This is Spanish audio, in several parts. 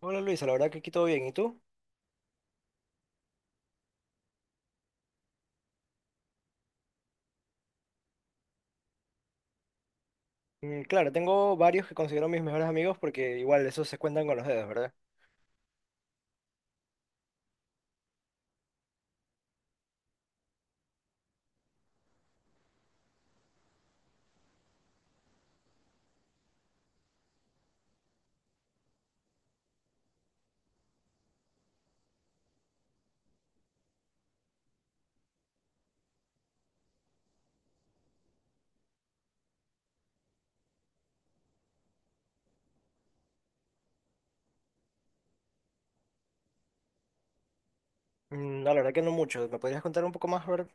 Hola Luisa, la verdad que aquí todo bien. ¿Y tú? Claro, tengo varios que considero mis mejores amigos porque igual esos se cuentan con los dedos, ¿verdad? No, la verdad que no muchos. ¿Me podrías contar un poco más, verdad?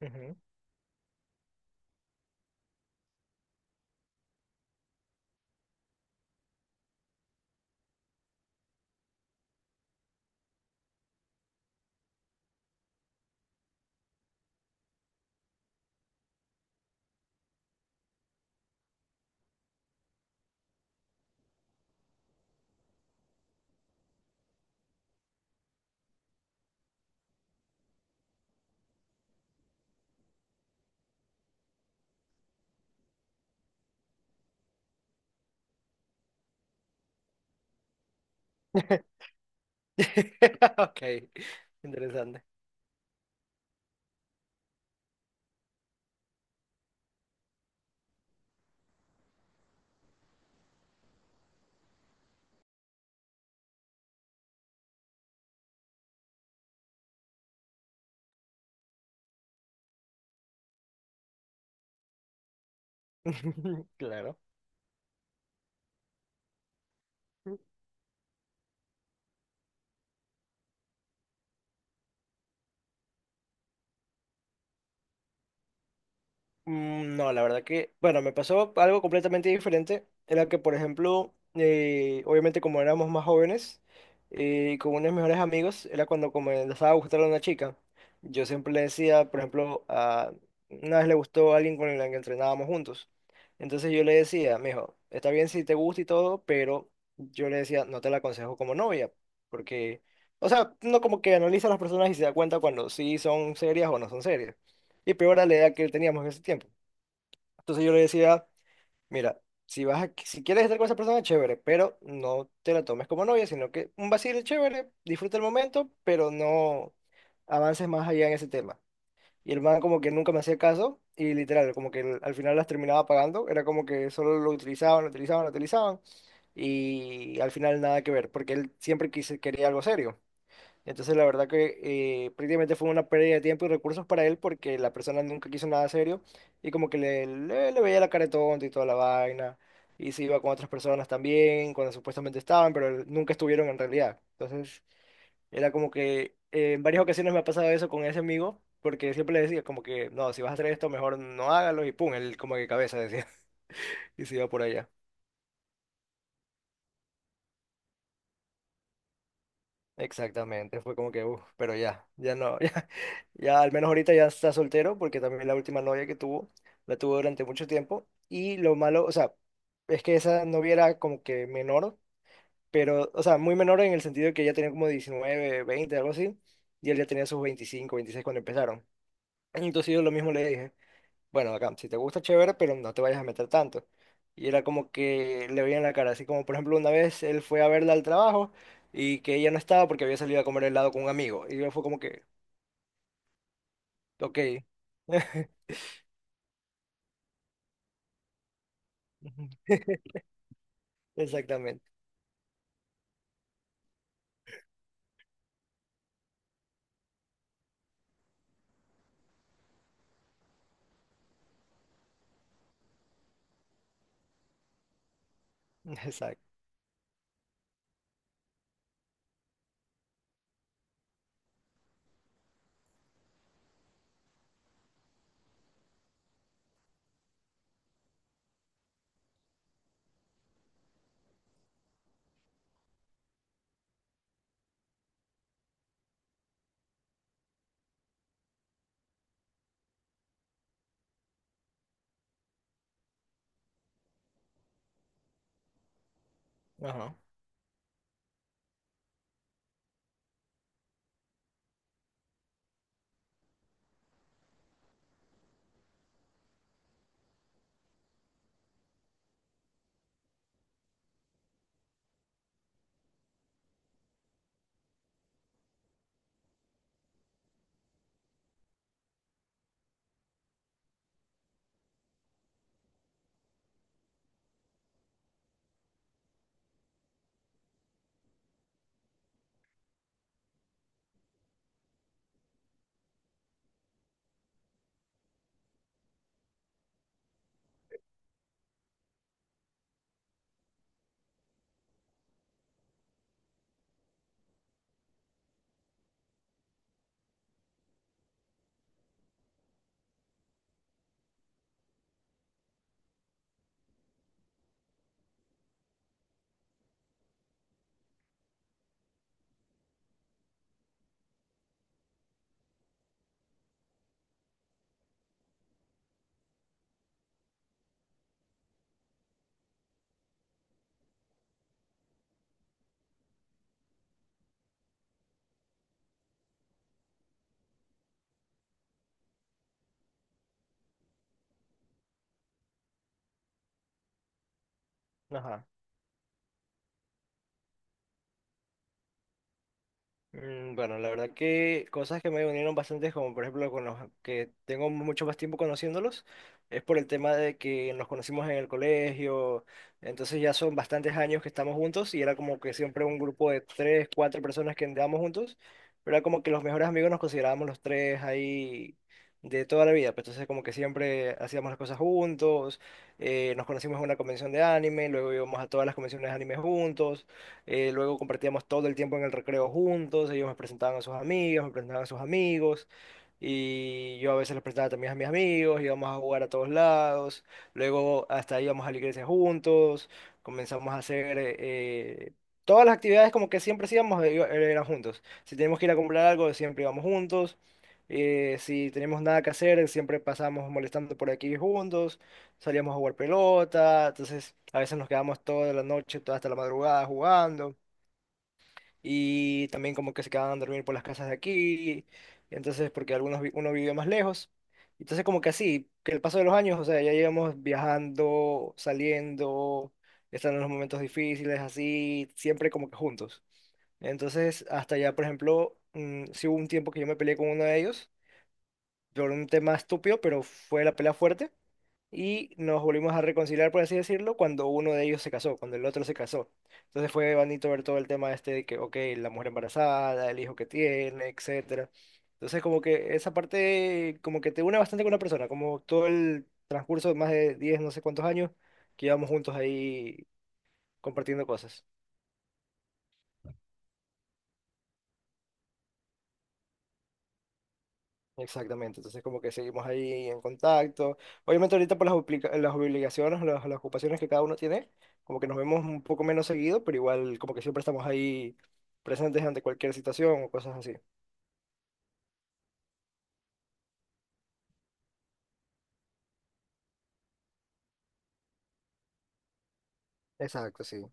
Ujú. Ok, interesante. Claro. No, la verdad que, bueno, me pasó algo completamente diferente. Era que, por ejemplo, obviamente como éramos más jóvenes y con unos mejores amigos, era cuando comenzaba a gustar a una chica. Yo siempre le decía, por ejemplo, a, una vez le gustó a alguien con la que entrenábamos juntos. Entonces yo le decía, mijo, está bien si te gusta y todo, pero yo le decía, no te la aconsejo como novia, porque, o sea, uno como que analiza a las personas y se da cuenta cuando sí son serias o no son serias. Y peor a la edad que teníamos en ese tiempo. Entonces yo le decía, mira, si quieres estar con esa persona, chévere, pero no te la tomes como novia, sino que un vacile chévere, disfruta el momento, pero no avances más allá en ese tema. Y el man como que nunca me hacía caso y literal, como que al final las terminaba pagando, era como que solo lo utilizaban, lo utilizaban, lo utilizaban y al final nada que ver, porque él siempre quería algo serio. Entonces, la verdad que prácticamente fue una pérdida de tiempo y recursos para él porque la persona nunca quiso nada serio y como que le veía la cara de tonto y toda la vaina. Y se iba con otras personas también, cuando supuestamente estaban, pero nunca estuvieron en realidad. Entonces, era como que en varias ocasiones me ha pasado eso con ese amigo porque siempre le decía como que, no, si vas a hacer esto, mejor no hágalo y pum, él como que cabeza decía y se iba por allá. Exactamente, fue como que, uff, pero ya no, ya al menos ahorita ya está soltero porque también la última novia que tuvo, la tuvo durante mucho tiempo y lo malo, o sea, es que esa novia era como que menor, pero, o sea, muy menor en el sentido de que ella tenía como 19 20 algo así, y él ya tenía sus 25 26 cuando empezaron. Entonces yo lo mismo le dije, bueno, acá, si te gusta, chévere, pero no te vayas a meter tanto. Y era como que le veía en la cara, así como por ejemplo una vez él fue a verla al trabajo y que ella no estaba porque había salido a comer helado con un amigo. Y yo fue como que, ok. Ujú. Exactamente, exacto. Ajá. Ajá. Bueno, la verdad que cosas que me unieron bastante, como por ejemplo con los que tengo mucho más tiempo conociéndolos, es por el tema de que nos conocimos en el colegio, entonces ya son bastantes años que estamos juntos y era como que siempre un grupo de tres, cuatro personas que andábamos juntos, pero era como que los mejores amigos nos considerábamos los tres ahí de toda la vida, pues entonces como que siempre hacíamos las cosas juntos, nos conocimos en una convención de anime, luego íbamos a todas las convenciones de anime juntos, luego compartíamos todo el tiempo en el recreo juntos, ellos me presentaban a sus amigas, me presentaban a sus amigos, y yo a veces les presentaba también a mis amigos, íbamos a jugar a todos lados, luego hasta íbamos a la iglesia juntos, comenzamos a hacer... todas las actividades como que siempre íbamos eran juntos. Si teníamos que ir a comprar algo, siempre íbamos juntos. Si tenemos nada que hacer, siempre pasamos molestando por aquí juntos, salíamos a jugar pelota, entonces a veces nos quedábamos toda la noche, toda hasta la madrugada jugando, y también como que se quedaban a dormir por las casas de aquí, y entonces porque uno vive más lejos, entonces como que así, que el paso de los años, o sea, ya íbamos viajando, saliendo, estando en los momentos difíciles, así, siempre como que juntos. Entonces, hasta ya, por ejemplo, sí hubo un tiempo que yo me peleé con uno de ellos por un tema estúpido, pero fue la pelea fuerte y nos volvimos a reconciliar, por así decirlo, cuando uno de ellos se casó, cuando el otro se casó. Entonces fue bonito ver todo el tema este de que, ok, la mujer embarazada, el hijo que tiene, etcétera. Entonces como que esa parte como que te une bastante con una persona, como todo el transcurso de más de 10 no sé cuántos años que llevamos juntos ahí compartiendo cosas. Exactamente, entonces como que seguimos ahí en contacto. Obviamente ahorita por las, las obligaciones, las ocupaciones que cada uno tiene, como que nos vemos un poco menos seguido, pero igual como que siempre estamos ahí presentes ante cualquier situación o cosas así. Exacto, sí.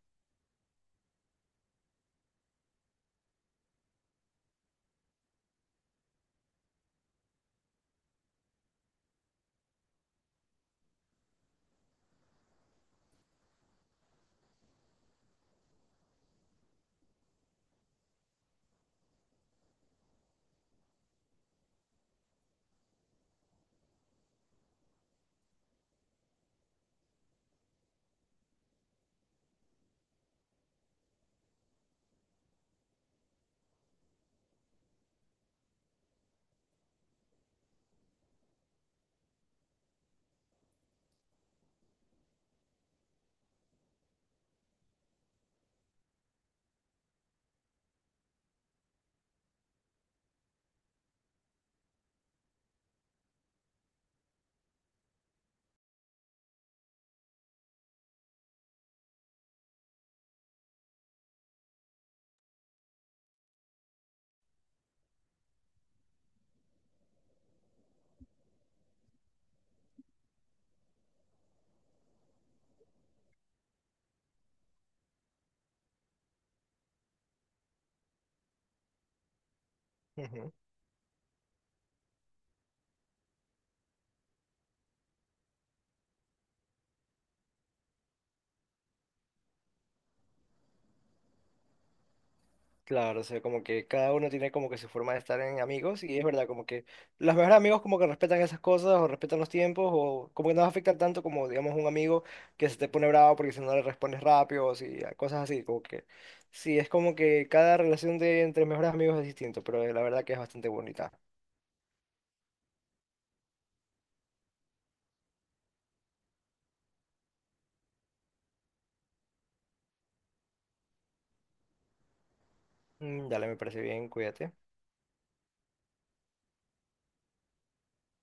Ujú. Claro, o sea, como que cada uno tiene como que su forma de estar en amigos y es verdad, como que los mejores amigos como que respetan esas cosas o respetan los tiempos o como que no afectan tanto como, digamos, un amigo que se te pone bravo porque si no le respondes rápido o si, cosas así, como que sí, es como que cada relación de entre mejores amigos es distinto, pero la verdad que es bastante bonita. Dale, me parece bien, cuídate.